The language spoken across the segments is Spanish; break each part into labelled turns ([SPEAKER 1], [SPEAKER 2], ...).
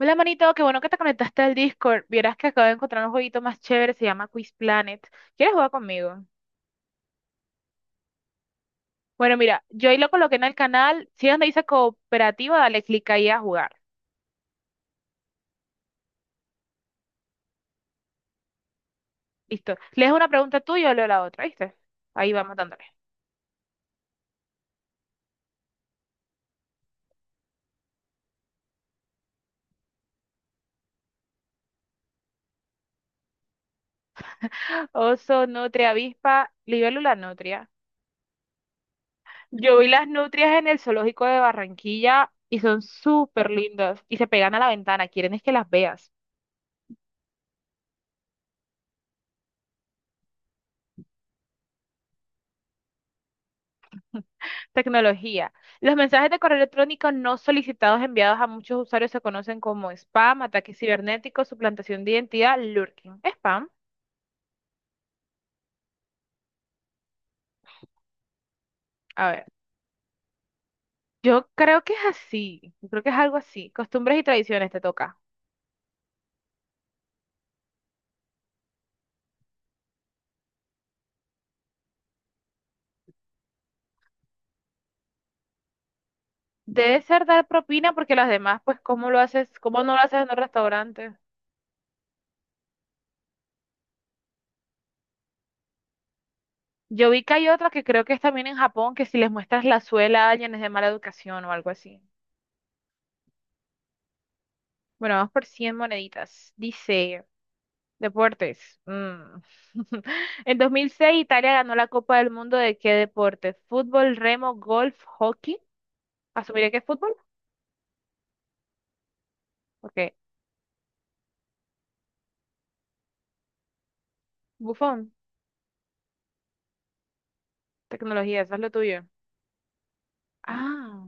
[SPEAKER 1] Hola, manito, qué bueno que te conectaste al Discord. Vieras que acabo de encontrar un jueguito más chévere, se llama Quiz Planet. ¿Quieres jugar conmigo? Bueno, mira, yo ahí lo coloqué en el canal. Si es donde dice cooperativa, dale clic ahí a jugar. Listo. Lees una pregunta tú y yo leo la otra, ¿viste? Ahí vamos dándole. Oso, nutria, avispa, libélula, nutria. Yo vi las nutrias en el zoológico de Barranquilla y son súper lindas y se pegan a la ventana. Quieren es que las veas. Tecnología. Los mensajes de correo electrónico no solicitados enviados a muchos usuarios se conocen como spam, ataques cibernéticos, suplantación de identidad, lurking. Spam. A ver, yo creo que es así. Yo creo que es algo así. Costumbres y tradiciones te toca. Debe ser dar propina porque las demás, pues, ¿cómo lo haces? ¿Cómo no lo haces en un restaurante? Yo vi que hay otra que creo que es también en Japón, que si les muestras la suela a alguien es de mala educación o algo así. Bueno, vamos por 100 moneditas. Dice... Deportes. Mm. En 2006 Italia ganó la Copa del Mundo, ¿de qué deporte? Fútbol, remo, golf, hockey. ¿Asumiré que es fútbol? Porque Bufón, tecnología, eso es lo tuyo. Ah,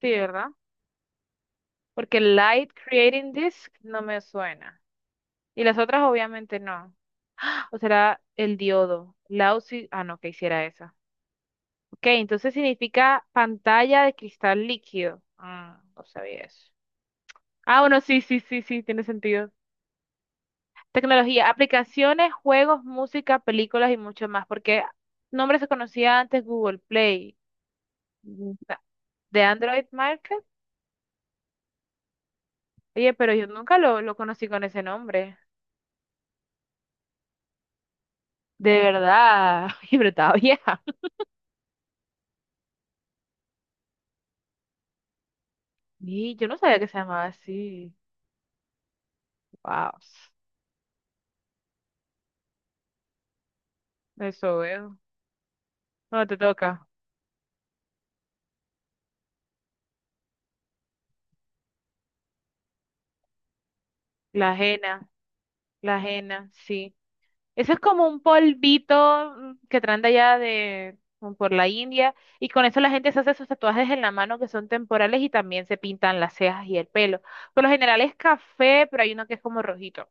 [SPEAKER 1] sí, ¿verdad? Porque Light Creating Disc no me suena. Y las otras obviamente no. O será el diodo. Lausi, ah, no, que hiciera esa. Ok, entonces significa pantalla de cristal líquido. Ah, no sabía eso. Ah, bueno, sí, sí, sí, sí, tiene sentido. Tecnología, aplicaciones, juegos, música, películas y mucho más, porque nombre se conocía antes Google Play, o sea, de Android Market. Oye, pero yo nunca lo conocí con ese nombre. De verdad, y pero estaba vieja. Y yo no sabía que se llamaba así. Wow, eso veo. No te toca. La ajena, la ajena, sí. Eso es como un polvito que traen de allá de, como por la India, y con eso la gente se hace sus tatuajes en la mano que son temporales y también se pintan las cejas y el pelo. Por lo general es café, pero hay uno que es como rojito.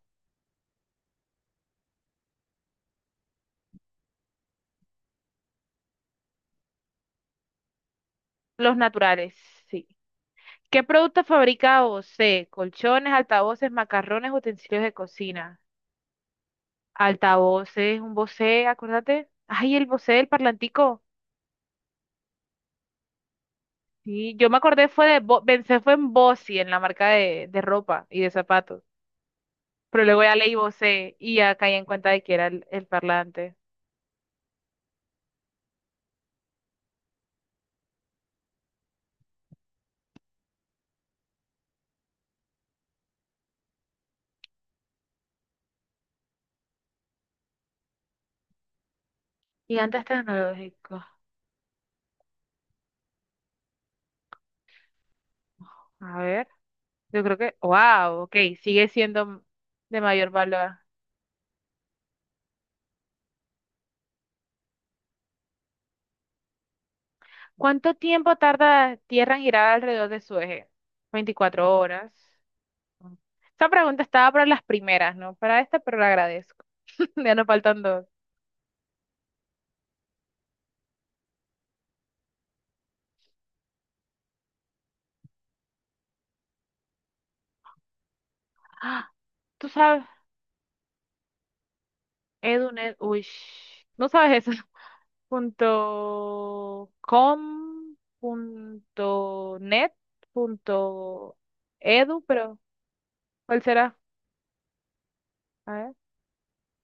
[SPEAKER 1] Los naturales, sí. ¿Qué productos fabrica Bosé? Colchones, altavoces, macarrones, utensilios de cocina. Altavoces, un Bose, acuérdate. Ay, el Bose, el parlantico. Sí, yo me acordé fue de, Bo- pensé fue en Bossi, en la marca de ropa y de zapatos. Pero luego ya leí vocé y ya caí en cuenta de que era el parlante. Gigantes tecnológicos. A ver, yo creo que, wow, ok, sigue siendo de mayor valor. ¿Cuánto tiempo tarda Tierra en girar alrededor de su eje? 24 horas. Esta pregunta estaba para las primeras, ¿no? Para esta, pero la agradezco. Ya nos faltan dos. Ah, tú sabes, Edu, Ned- uy, sh- no sabes eso. Punto com, punto net, punto edu, pero ¿cuál será? A ver.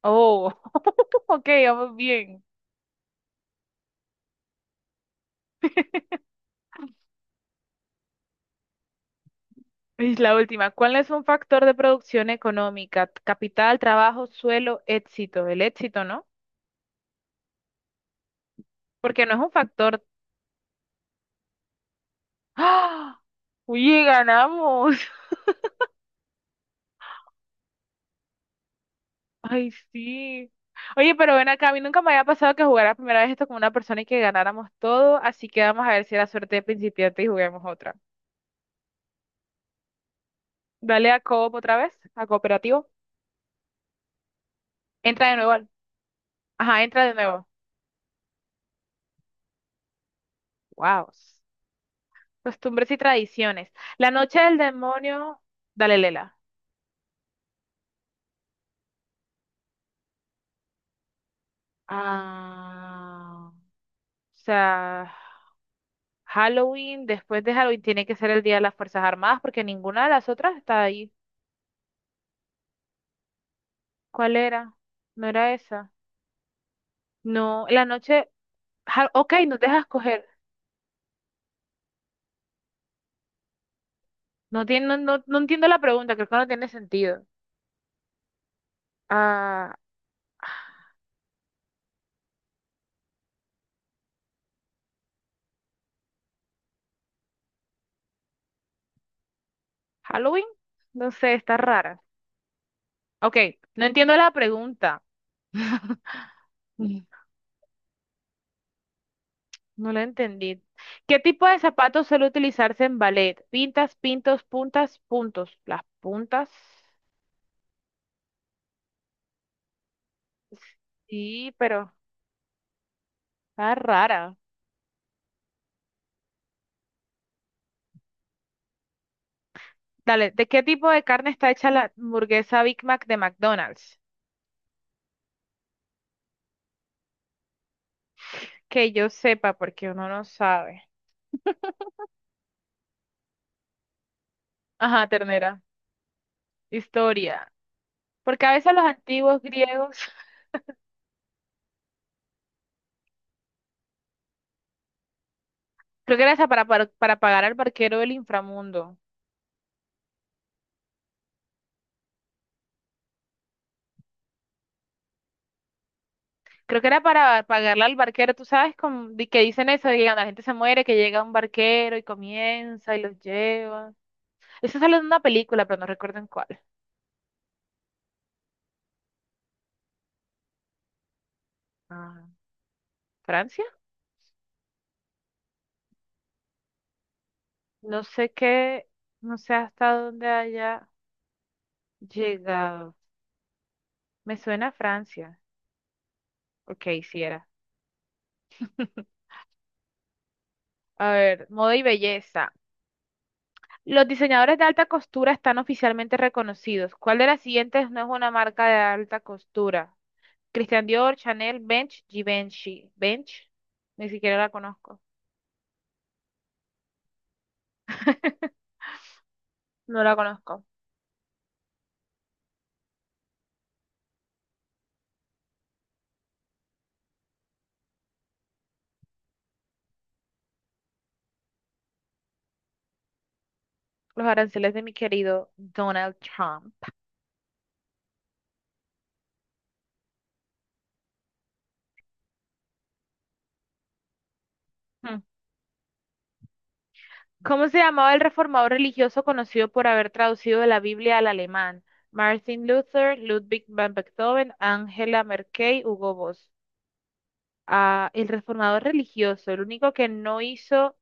[SPEAKER 1] Oh, ok, vamos bien. Y la última, ¿cuál es un factor de producción económica? Capital, trabajo, suelo, éxito. El éxito, ¿no? Porque no es un factor. ¡Ah! Oye, ganamos. Ay, sí. Oye, pero ven acá, a mí nunca me había pasado que jugara primera vez esto con una persona y que ganáramos todo, así que vamos a ver si era suerte de principiante y juguemos otra. Dale a Coop otra vez, a cooperativo. Entra de nuevo. Al- ajá, entra de nuevo. Wow. Costumbres y tradiciones. La noche del demonio. Dale, Lela. Ah, o sea, Halloween, después de Halloween tiene que ser el Día de las Fuerzas Armadas porque ninguna de las otras está ahí. ¿Cuál era? No era esa. No, la noche. Ja- ok, nos dejas escoger. No tiene, no, no, no entiendo la pregunta, creo que no tiene sentido. Ah, ¿Halloween? No sé, está rara. Ok, no entiendo la pregunta. Mm. No la entendí. ¿Qué tipo de zapatos suele utilizarse en ballet? Pintas, pintos, puntas, puntos. Las puntas, sí, pero está rara. Dale, ¿de qué tipo de carne está hecha la hamburguesa Big Mac de McDonald's? Que yo sepa, porque uno no sabe. Ajá, ternera. Historia. Porque a veces los antiguos griegos, creo que era esa para pagar al barquero del inframundo. Creo que era para pagarle al barquero, tú sabes como, di- que dicen eso, de que cuando la gente se muere, que llega un barquero y comienza y los lleva. Eso sale de una película, pero no recuerdo en cuál. Ah, ¿Francia? No sé qué, no sé hasta dónde haya llegado. Me suena a Francia. Ok, sí era. A ver, moda y belleza. Los diseñadores de alta costura están oficialmente reconocidos. ¿Cuál de las siguientes no es una marca de alta costura? Christian Dior, Chanel, Bench, Givenchy. Bench, ni siquiera la conozco. No la conozco. Los aranceles de mi querido Donald Trump. Hmm. ¿Cómo se llamaba el reformador religioso conocido por haber traducido de la Biblia al alemán? Martin Luther, Ludwig van Beethoven, Angela Merkel, Hugo Boss. Ah, el reformador religioso, el único que no hizo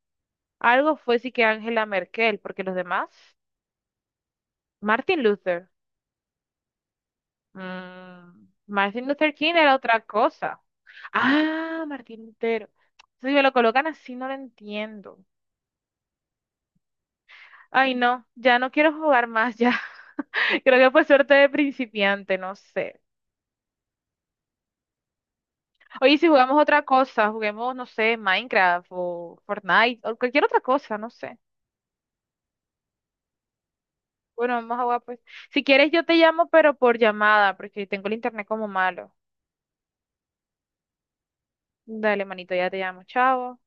[SPEAKER 1] algo fue sí que Angela Merkel, porque los demás, Martin Luther. Mm, Martin Luther King era otra cosa. Ah, Martín Lutero. Si me lo colocan así, no lo entiendo. Ay, no, ya no quiero jugar más, ya. Creo que fue suerte de principiante, no sé. Oye, si jugamos otra cosa, juguemos, no sé, Minecraft o Fortnite o cualquier otra cosa, no sé. Bueno, vamos a jugar pues. Si quieres, yo te llamo, pero por llamada, porque tengo el internet como malo. Dale, manito, ya te llamo. Chao.